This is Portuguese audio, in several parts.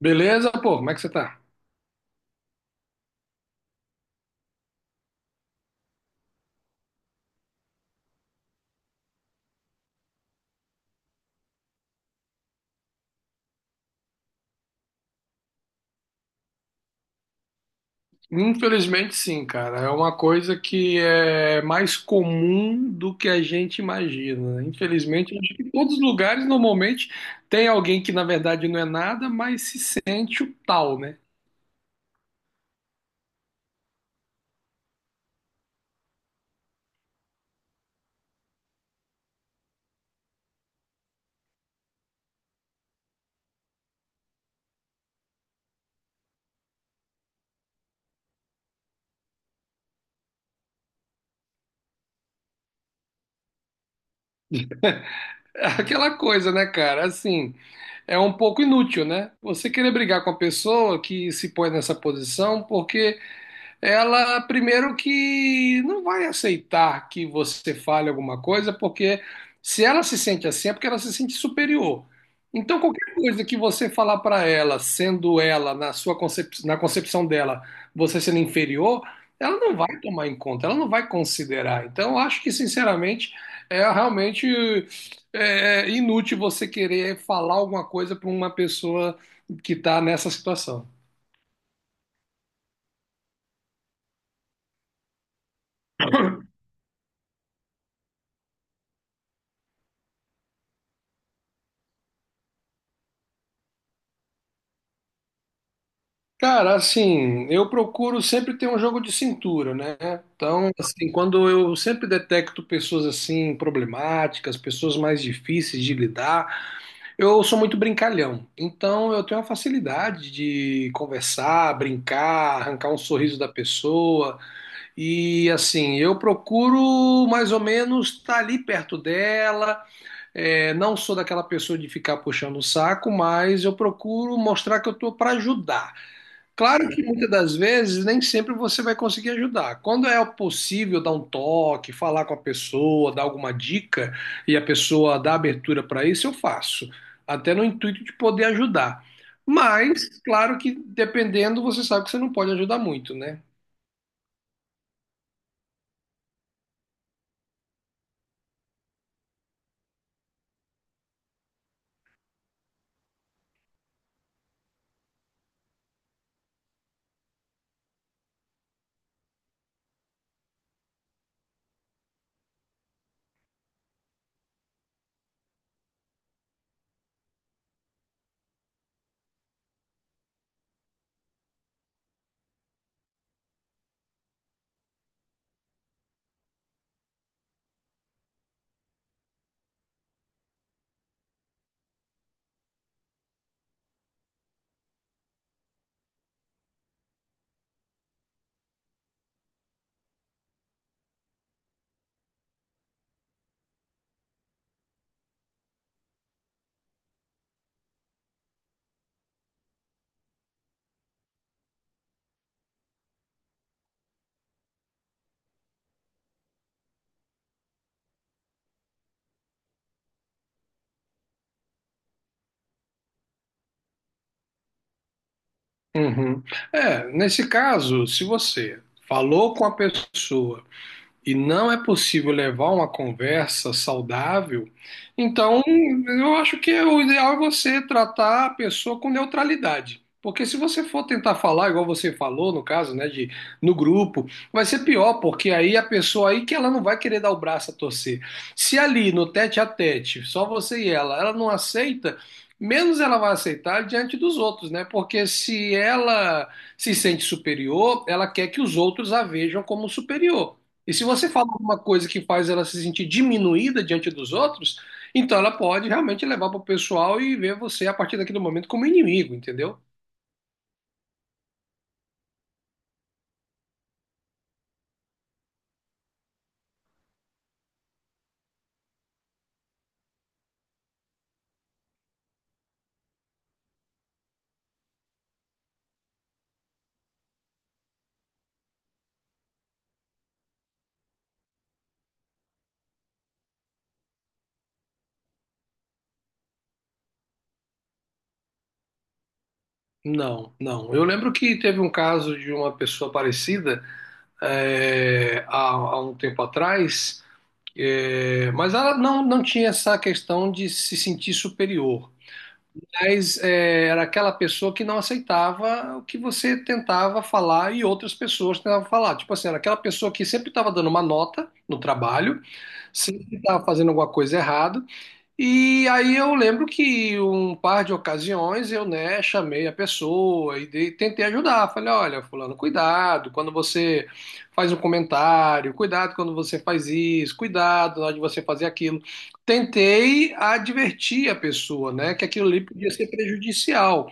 Beleza, pô, como é que você tá? Infelizmente, sim, cara. É uma coisa que é mais comum do que a gente imagina. Infelizmente, acho que em todos os lugares, normalmente, tem alguém que, na verdade, não é nada, mas se sente o tal, né? É aquela coisa, né, cara? Assim, é um pouco inútil, né? Você querer brigar com a pessoa que se põe nessa posição, porque ela primeiro que não vai aceitar que você fale alguma coisa, porque se ela se sente assim, é porque ela se sente superior. Então, qualquer coisa que você falar para ela, sendo ela, na sua na concepção dela, você sendo inferior, ela não vai tomar em conta, ela não vai considerar. Então, eu acho que, sinceramente, é realmente é inútil você querer falar alguma coisa para uma pessoa que está nessa situação. Cara, assim, eu procuro sempre ter um jogo de cintura, né? Então, assim, quando eu sempre detecto pessoas assim problemáticas, pessoas mais difíceis de lidar, eu sou muito brincalhão. Então, eu tenho a facilidade de conversar, brincar, arrancar um sorriso da pessoa e assim, eu procuro mais ou menos estar ali perto dela. É, não sou daquela pessoa de ficar puxando o saco, mas eu procuro mostrar que eu tô para ajudar. Claro que muitas das vezes nem sempre você vai conseguir ajudar. Quando é possível dar um toque, falar com a pessoa, dar alguma dica e a pessoa dá abertura para isso, eu faço, até no intuito de poder ajudar. Mas, claro que dependendo, você sabe que você não pode ajudar muito, né? Uhum. É, nesse caso, se você falou com a pessoa e não é possível levar uma conversa saudável, então eu acho que é o ideal é você tratar a pessoa com neutralidade. Porque se você for tentar falar, igual você falou, no caso, né, de no grupo, vai ser pior, porque aí a pessoa aí que ela não vai querer dar o braço a torcer. Se ali no tete a tete, só você e ela não aceita, menos ela vai aceitar diante dos outros, né? Porque se ela se sente superior, ela quer que os outros a vejam como superior. E se você fala alguma coisa que faz ela se sentir diminuída diante dos outros, então ela pode realmente levar para o pessoal e ver você a partir daquele momento como inimigo, entendeu? Não, não, eu lembro que teve um caso de uma pessoa parecida, é, há um tempo atrás, é, mas ela não tinha essa questão de se sentir superior. Mas é, era aquela pessoa que não aceitava o que você tentava falar e outras pessoas tentavam falar. Tipo assim, era aquela pessoa que sempre estava dando uma nota no trabalho, sempre estava fazendo alguma coisa errada, e aí eu lembro que um par de ocasiões eu, né, chamei a pessoa e tentei ajudar. Falei, olha, fulano, cuidado quando você faz um comentário, cuidado quando você faz isso, cuidado na hora de você fazer aquilo. Tentei advertir a pessoa, né, que aquilo ali podia ser prejudicial.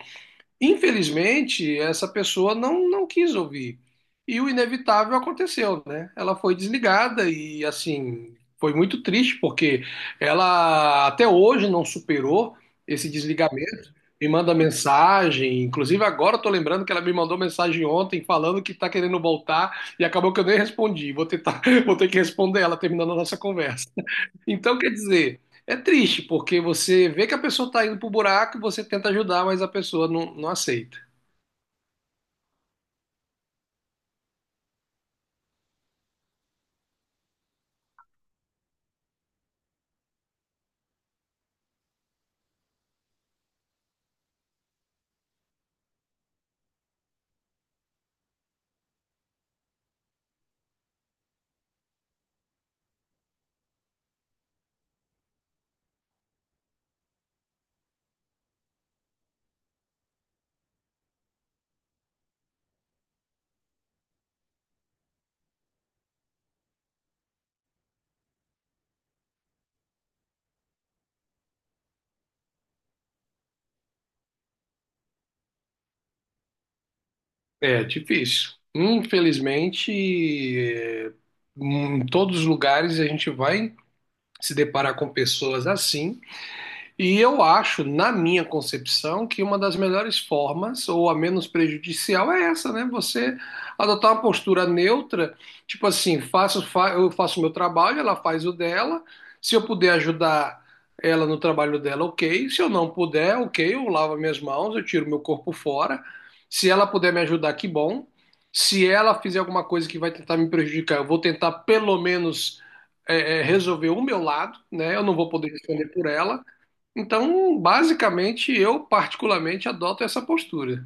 Infelizmente, essa pessoa não quis ouvir. E o inevitável aconteceu, né? Ela foi desligada e, assim, foi muito triste, porque ela até hoje não superou esse desligamento. Me manda mensagem, inclusive agora eu tô lembrando que ela me mandou mensagem ontem falando que tá querendo voltar e acabou que eu nem respondi. Vou tentar, vou ter que responder ela terminando a nossa conversa. Então, quer dizer, é triste, porque você vê que a pessoa tá indo pro buraco, você tenta ajudar, mas a pessoa não aceita. É difícil. Infelizmente, é, em todos os lugares a gente vai se deparar com pessoas assim. E eu acho, na minha concepção, que uma das melhores formas, ou a menos prejudicial, é essa, né? Você adotar uma postura neutra, tipo assim, eu faço o meu trabalho, ela faz o dela. Se eu puder ajudar ela no trabalho dela, ok. Se eu não puder, ok, eu lavo minhas mãos, eu tiro meu corpo fora. Se ela puder me ajudar, que bom. Se ela fizer alguma coisa que vai tentar me prejudicar, eu vou tentar pelo menos resolver o meu lado, né? Eu não vou poder responder por ela. Então, basicamente, eu particularmente adoto essa postura.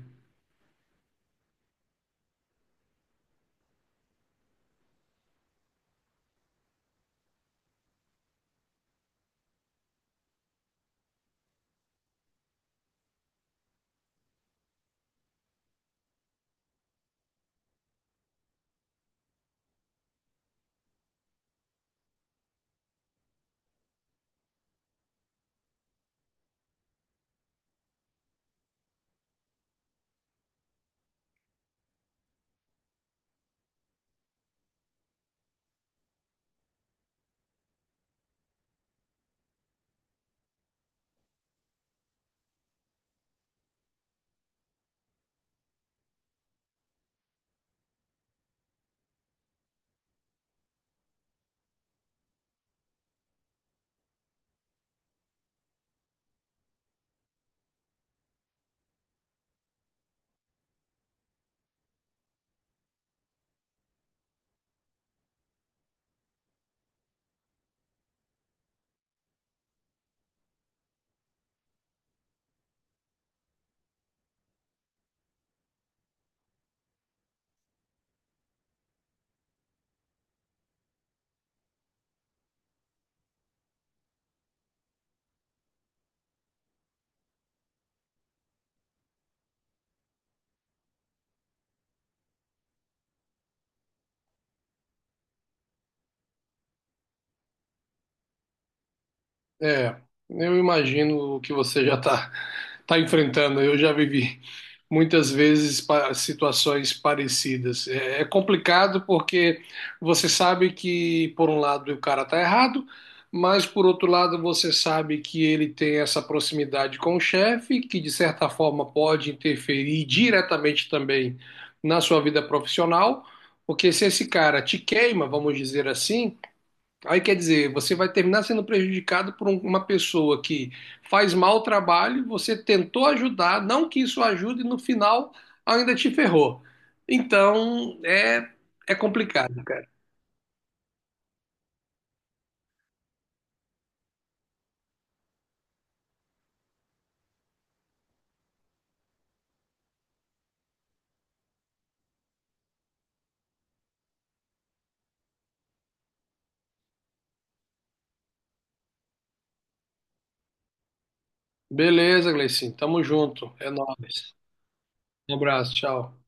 É, eu imagino o que você já está tá enfrentando. Eu já vivi muitas vezes situações parecidas. É, é complicado porque você sabe que, por um lado, o cara está errado, mas, por outro lado, você sabe que ele tem essa proximidade com o chefe, que, de certa forma, pode interferir diretamente também na sua vida profissional. Porque se esse cara te queima, vamos dizer assim. Aí quer dizer, você vai terminar sendo prejudicado por uma pessoa que faz mal o trabalho, você tentou ajudar, não que isso ajude, e no final ainda te ferrou. Então é, é complicado, cara. Beleza, Gleicinho. Tamo junto. É nóis. Um abraço, tchau.